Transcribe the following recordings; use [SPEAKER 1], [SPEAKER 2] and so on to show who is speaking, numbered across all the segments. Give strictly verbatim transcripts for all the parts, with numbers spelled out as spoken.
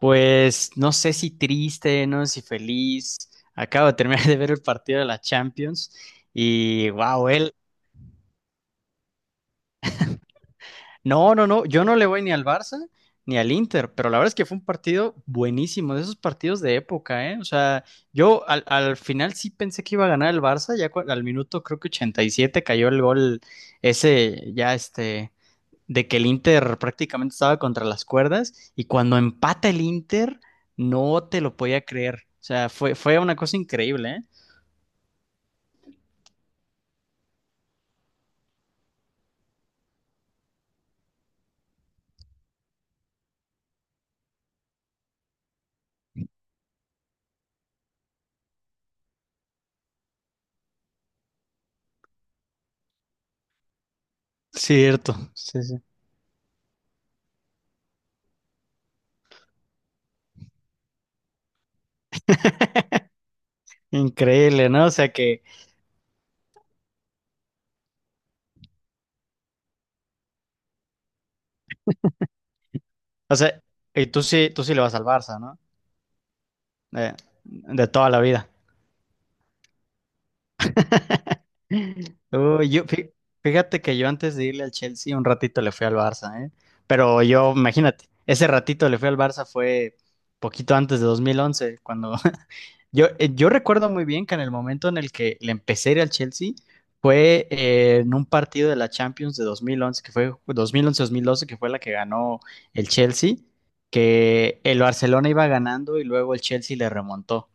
[SPEAKER 1] Pues no sé si triste, no sé si feliz. Acabo de terminar de ver el partido de la Champions y wow, él. No, no, no, yo no le voy ni al Barça ni al Inter, pero la verdad es que fue un partido buenísimo, de esos partidos de época, ¿eh? O sea, yo al, al final sí pensé que iba a ganar el Barça, ya cua- al minuto creo que ochenta y siete cayó el gol ese, ya este, de que el Inter prácticamente estaba contra las cuerdas y cuando empata el Inter no te lo podía creer. O sea, fue, fue una cosa increíble, ¿eh? Cierto, sí, sí. Increíble, ¿no? O sea que, o sea, y tú sí, tú sí le vas al Barça, ¿no? De, de toda la vida. Uy, yo, fí- fíjate que yo antes de irle al Chelsea un ratito le fui al Barça, ¿eh? Pero yo, imagínate, ese ratito le fui al Barça fue poquito antes de dos mil once, cuando yo, eh, yo recuerdo muy bien que en el momento en el que le empecé a ir al Chelsea fue eh, en un partido de la Champions de dos mil once que fue dos dos mil once mil doce que fue la que ganó el Chelsea, que el Barcelona iba ganando y luego el Chelsea le remontó.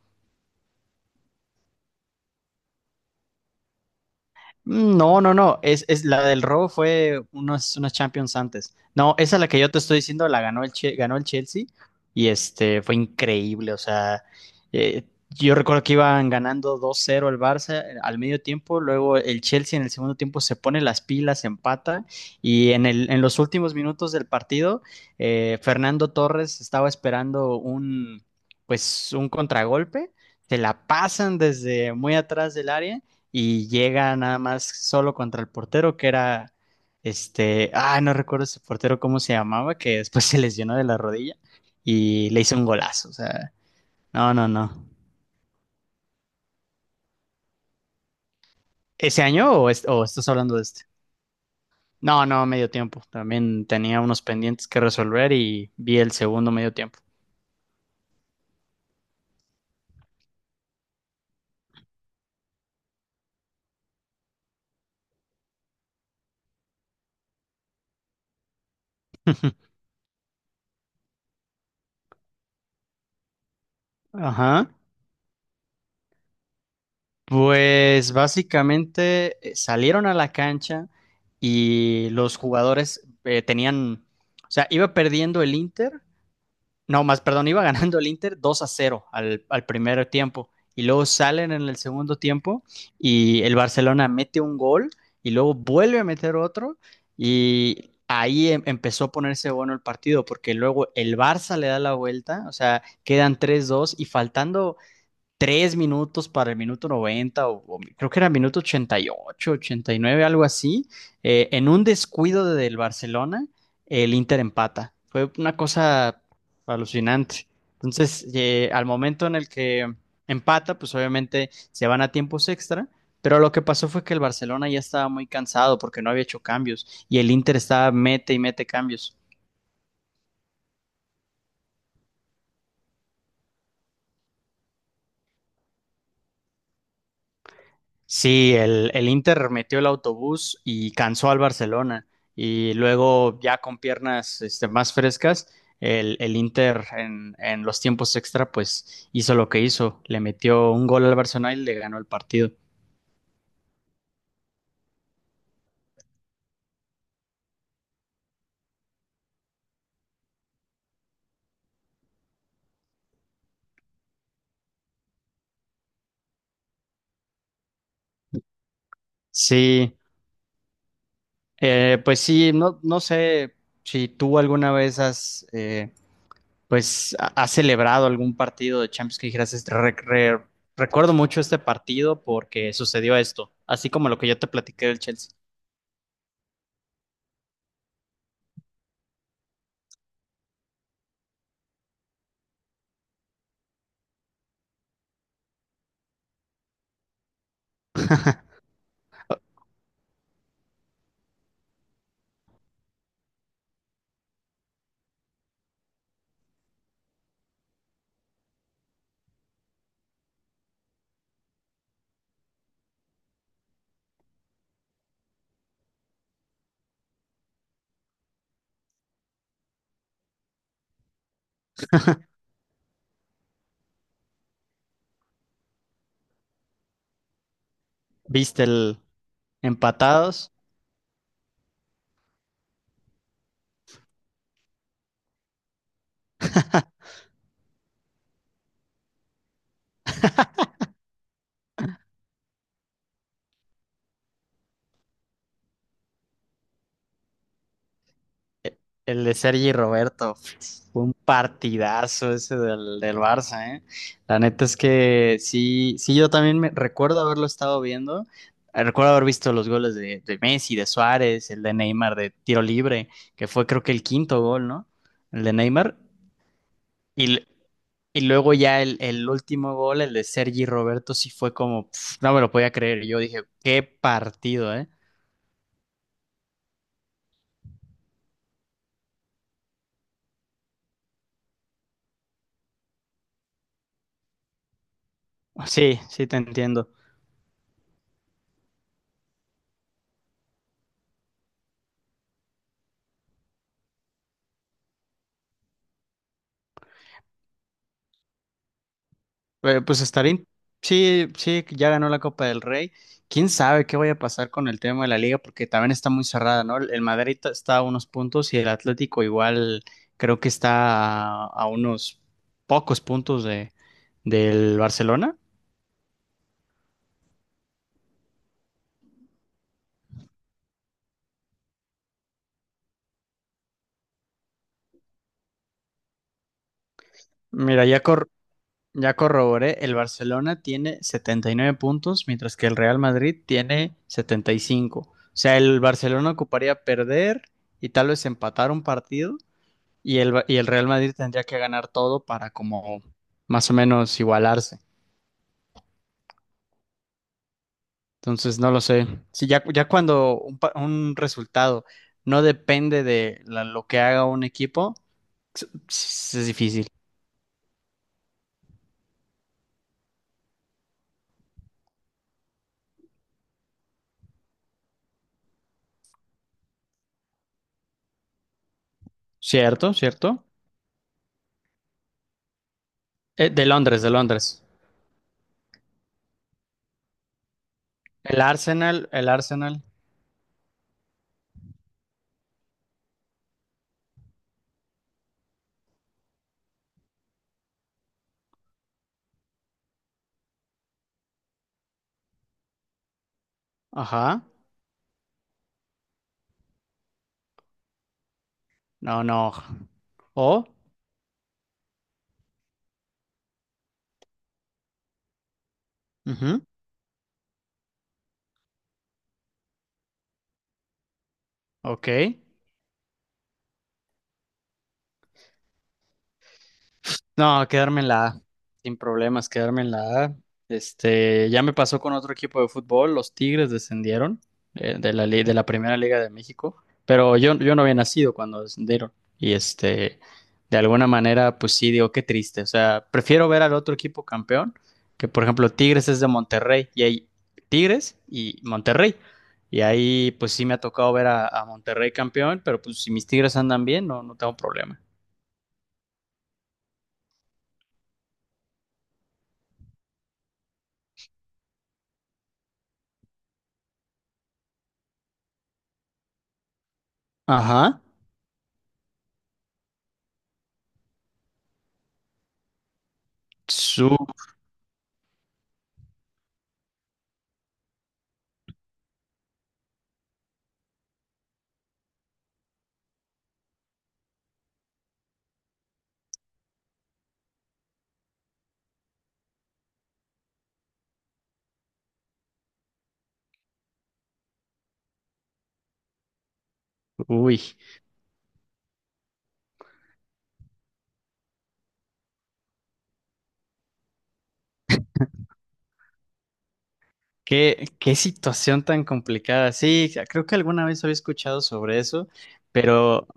[SPEAKER 1] No, no, no. Es, es la del robo fue unos, unos Champions antes. No, esa la que yo te estoy diciendo la ganó el, Che- ganó el Chelsea y este fue increíble. O sea, eh, yo recuerdo que iban ganando dos cero el Barça eh, al medio tiempo. Luego el Chelsea en el segundo tiempo se pone las pilas, empata y en el, en los últimos minutos del partido, eh, Fernando Torres estaba esperando un, pues, un contragolpe. Se la pasan desde muy atrás del área y llega nada más solo contra el portero que era este, ah, no recuerdo ese portero cómo se llamaba, que después se lesionó de la rodilla y le hizo un golazo, o sea, no, no, no. ¿Ese año o, est- o estás hablando de este? No, no, medio tiempo. También tenía unos pendientes que resolver y vi el segundo medio tiempo. Ajá. Pues básicamente eh, salieron a la cancha y los jugadores eh, tenían, o sea, iba perdiendo el Inter. No, más, perdón, iba ganando el Inter dos a cero al, al primer tiempo. Y luego salen en el segundo tiempo y el Barcelona mete un gol y luego vuelve a meter otro. Y ahí em- empezó a ponerse bueno el partido porque luego el Barça le da la vuelta, o sea, quedan tres dos y faltando tres minutos para el minuto noventa, o, o creo que era minuto ochenta ochenta y ocho, ochenta y nueve, algo así, eh, en un descuido de- del Barcelona, el Inter empata. Fue una cosa alucinante. Entonces, eh, al momento en el que empata, pues obviamente se van a tiempos extra. Pero lo que pasó fue que el Barcelona ya estaba muy cansado porque no había hecho cambios y el Inter estaba mete y mete cambios. Sí, el, el Inter metió el autobús y cansó al Barcelona. Y luego, ya con piernas este, más frescas, el, el Inter en, en los tiempos extra, pues hizo lo que hizo. Le metió un gol al Barcelona y le ganó el partido. Sí, eh, pues sí, no, no sé si tú alguna vez has, eh, pues, ha- has celebrado algún partido de Champions que dijeras, "Este, re- re- recuerdo mucho este partido porque sucedió esto, así como lo que yo te platiqué del Chelsea. Viste el empatados, e- el de Sergi y Roberto. Fue un partidazo ese del, del Barça, ¿eh? La neta es que sí, sí, yo también me recuerdo haberlo estado viendo. Eh, Recuerdo haber visto los goles de, de Messi, de Suárez, el de Neymar de tiro libre, que fue creo que el quinto gol, ¿no? El de Neymar. Y, l- y luego ya el, el último gol, el de Sergi y Roberto, sí fue como, pf, no me lo podía creer. Yo dije, qué partido, ¿eh? Sí, sí te entiendo. Eh, Pues estaría. in- Sí, sí, que ya ganó la Copa del Rey. ¿Quién sabe qué vaya a pasar con el tema de la liga? Porque también está muy cerrada, ¿no? El el Madrid ta- está a unos puntos y el Atlético igual creo que está a, a unos pocos puntos de, del Barcelona. Mira, ya, cor- ya corroboré, el Barcelona tiene setenta y nueve puntos, mientras que el Real Madrid tiene setenta y cinco. O sea, el Barcelona ocuparía perder y tal vez empatar un partido y el, Ba- y el Real Madrid tendría que ganar todo para como más o menos igualarse. Entonces, no lo sé. Si ya, ya cuando un, pa- un resultado no depende de la- lo que haga un equipo, s- s- es difícil. ¿Cierto? ¿Cierto? Eh, de Londres, de Londres. El Arsenal, el Arsenal. Ajá. No, no. O. Ujú. Ok. No, quedarme en la A, sin problemas, quedarme en la A. Este, ya me pasó con otro equipo de fútbol, los Tigres descendieron eh, de, la li- de la Primera Liga de México, pero yo, yo no había nacido cuando descendieron y este, de alguna manera, pues sí, digo, qué triste, o sea, prefiero ver al otro equipo campeón, que por ejemplo Tigres es de Monterrey y hay Tigres y Monterrey. Y ahí pues sí me ha tocado ver a, a Monterrey campeón, pero pues si mis Tigres andan bien, no, no tengo problema. Ajá. Uy, qué, qué situación tan complicada. Sí, creo que alguna vez había escuchado sobre eso, pero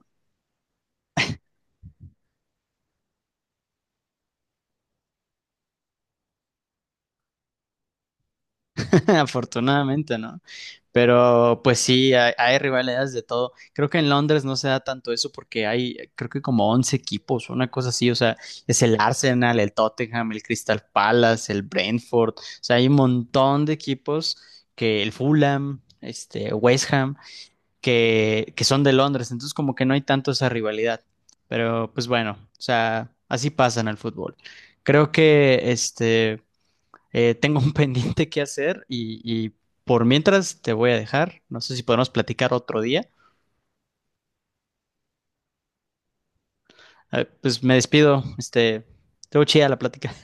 [SPEAKER 1] afortunadamente no. Pero pues sí, hay, hay rivalidades de todo. Creo que en Londres no se da tanto eso porque hay, eh, creo que como once equipos, una cosa así. O sea, es el Arsenal, el Tottenham, el Crystal Palace, el Brentford. O sea, hay un montón de equipos que el Fulham, este, West Ham, que, que son de Londres, entonces como que no hay tanto esa rivalidad. Pero pues bueno, o sea, así pasa en el fútbol. Creo que este eh, tengo un pendiente que hacer y, y por mientras te voy a dejar. No sé si podemos platicar otro día. Eh, pues me despido, este, estuvo chida la plática.